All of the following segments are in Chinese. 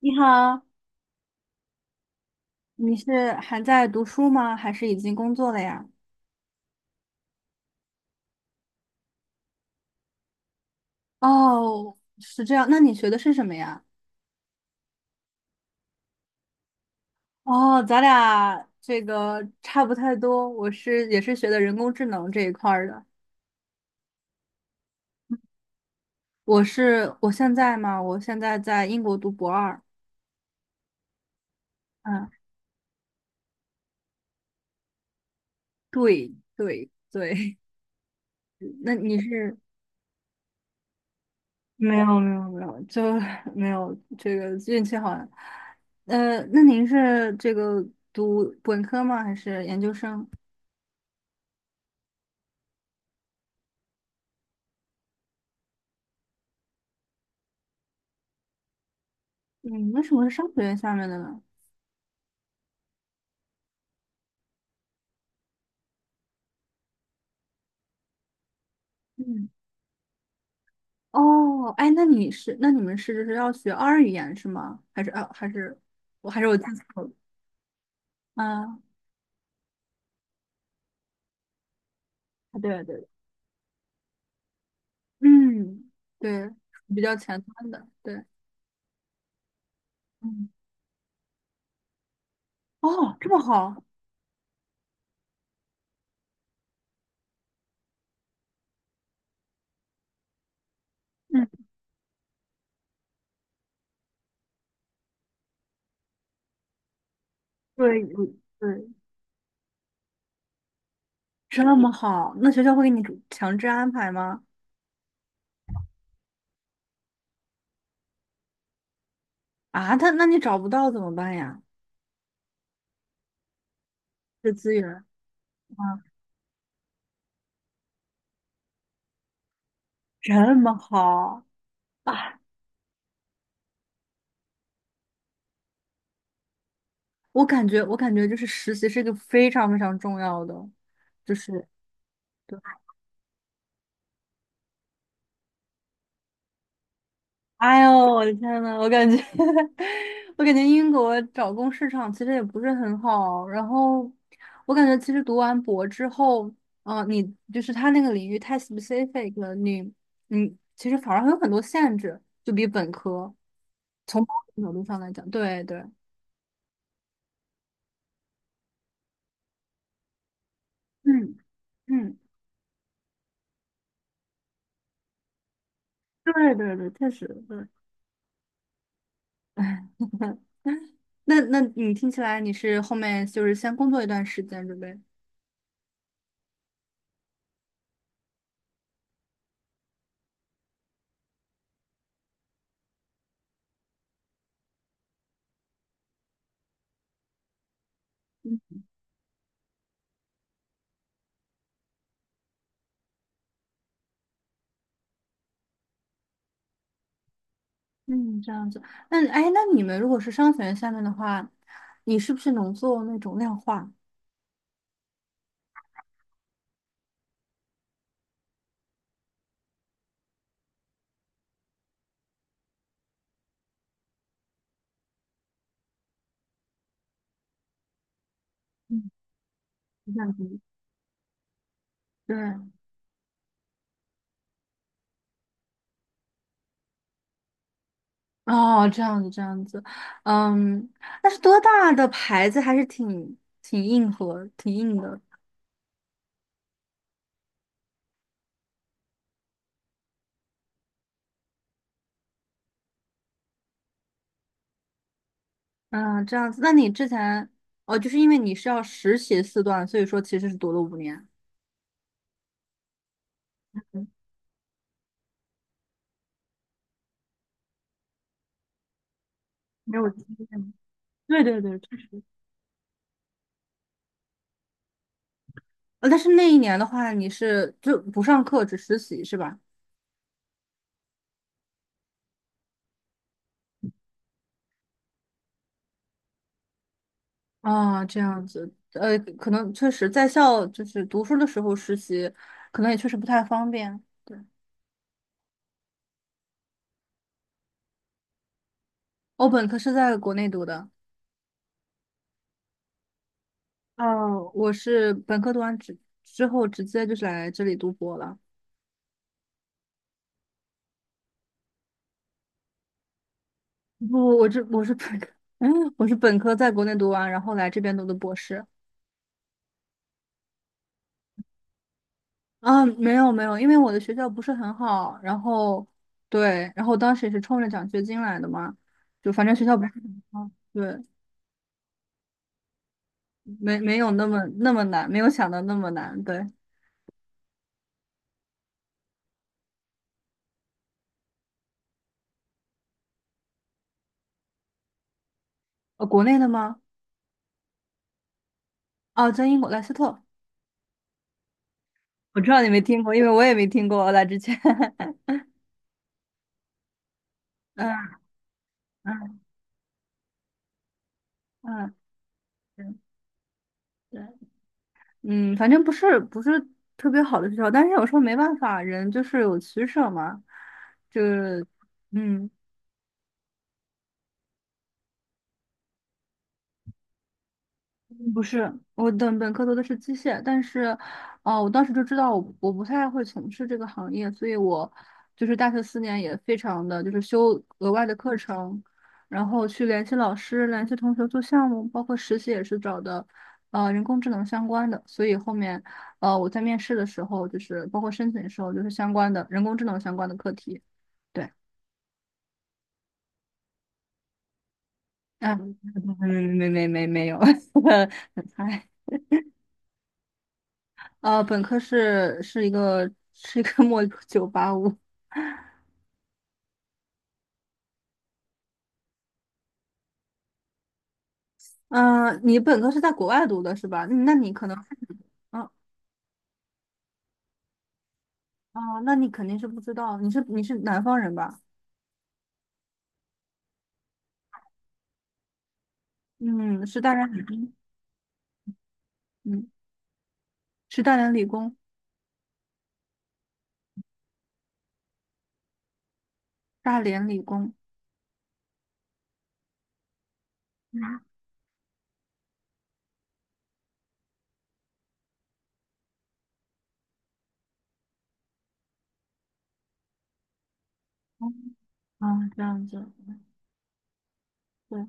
你好，你是还在读书吗？还是已经工作了呀？哦，是这样。那你学的是什么呀？哦，咱俩这个差不太多。我也是学的人工智能这一块儿的。我现在嘛，我现在在英国读博二。嗯，对对对。那你是 没有没有没有，就没有这个运气好了。那您是这个读本科吗？还是研究生？嗯，为什么是商学院下面的呢？嗯，哦，哎，那你是，那你们是就是要学二语言是吗？还是我记错了啊？对对对，嗯，对，比较前端的，对，嗯，哦，这么好，嗯，对对，这么好，那学校会给你主强制安排吗？啊，他那你找不到怎么办呀？这资源啊，这么好。啊！我感觉，我感觉就是实习是一个非常非常重要的，就是哎呦，我的天呐，我感觉，我感觉英国找工市场其实也不是很好。然后，我感觉其实读完博之后，嗯、你就是他那个领域太 specific 了，你其实反而会有很多限制，就比本科从某种角度上来讲，对对，嗯嗯，对对对，确实对。那那你听起来你是后面就是先工作一段时间准备？嗯，这样子。那哎，那你们如果是商学院下面的话，你是不是能做那种量化？嗯，这样子。对，哦，这样子，这样子。嗯，但是多大的牌子还是挺硬核、挺硬的。嗯，这样子。那你之前哦，就是因为你是要实习4段，所以说其实是读了5年。嗯，没有经验。对对对，但是那一年的话，你是就不上课，只实习是吧？啊，这样子，可能确实在校就是读书的时候实习，可能也确实不太方便。对，我本科是在国内读的，哦，我是本科读完之后直接就是来这里读博了。不，我是本科，嗯，我是本科在国内读完，然后来这边读的博士。啊，没有没有，因为我的学校不是很好，然后对，然后当时也是冲着奖学金来的嘛，就反正学校不是很好，对，没有那么那么难，没有想到那么难。对，国内的吗？哦，在英国莱斯特，我知道你没听过，因为我也没听过。我来之前，嗯嗯嗯，对对，嗯，反正不是不是特别好的学校，但是有时候没办法，人就是有取舍嘛，就是嗯，嗯不是，我的本科读的是机械，但是，我当时就知道我不太会从事这个行业，所以我就是大学4年也非常的就是修额外的课程，然后去联系老师、联系同学做项目，包括实习也是找的，人工智能相关的，所以后面，我在面试的时候，就是包括申请的时候，就是相关的人工智能相关的课题，对，嗯，没 没有，很菜。本科是是一个 末985。嗯，你本科是在国外读的是吧？那那你可能，嗯，哦，那你肯定是不知道，你是南方人吧？嗯，是大连理工，嗯，是大连理工，大连理工。嗯，哦，啊，这样子，对，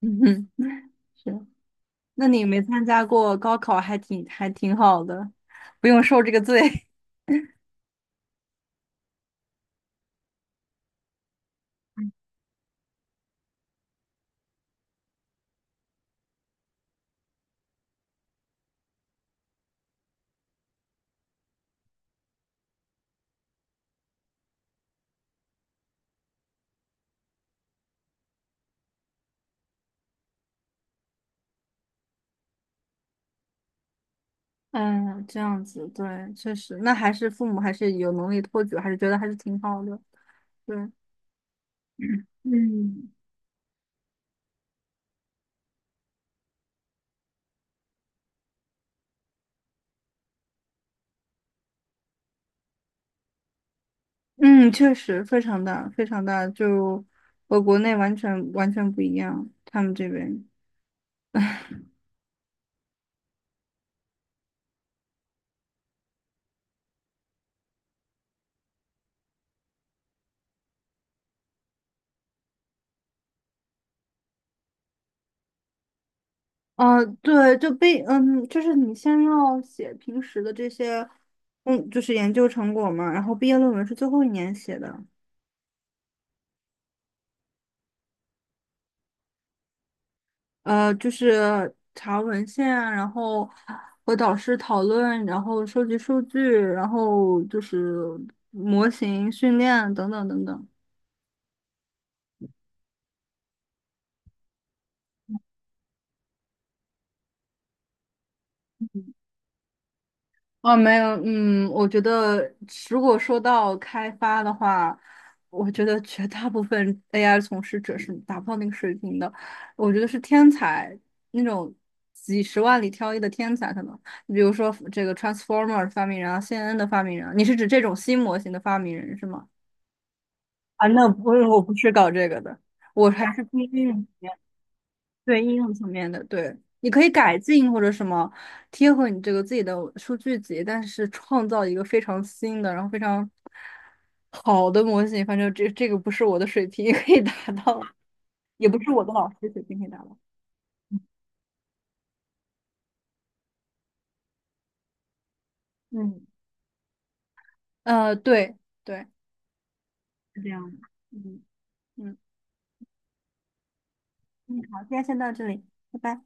嗯哼，是。那你没参加过高考，还挺好的，不用受这个罪。嗯，这样子，对，确实，那还是父母还是有能力托举，还是觉得还是挺好的。对，嗯，嗯，确实非常大，非常大，就和国内完全完全不一样，他们这边。啊，对，就被嗯，就是你先要写平时的这些，嗯，就是研究成果嘛，然后毕业论文是最后一年写的，就是查文献，然后和导师讨论，然后收集数据，然后就是模型训练等等等等。哦，没有，嗯，我觉得如果说到开发的话，我觉得绝大部分 AI 从事者是达不到那个水平的。我觉得是天才，那种几十万里挑一的天才，可能比如说这个 Transformer 发明人啊，CNN 的发明人啊，你是指这种新模型的发明人是吗？啊，那不是，我不是搞这个的，我还是偏应用层面，对应用层面的，对，你可以改进或者什么，贴合你这个自己的数据集，但是创造一个非常新的，然后非常好的模型，反正这个不是我的水平 可以达到，也不是我的老师水平可以达到。嗯，对对，是这样的。嗯嗯嗯，好，今天先到这里，拜拜。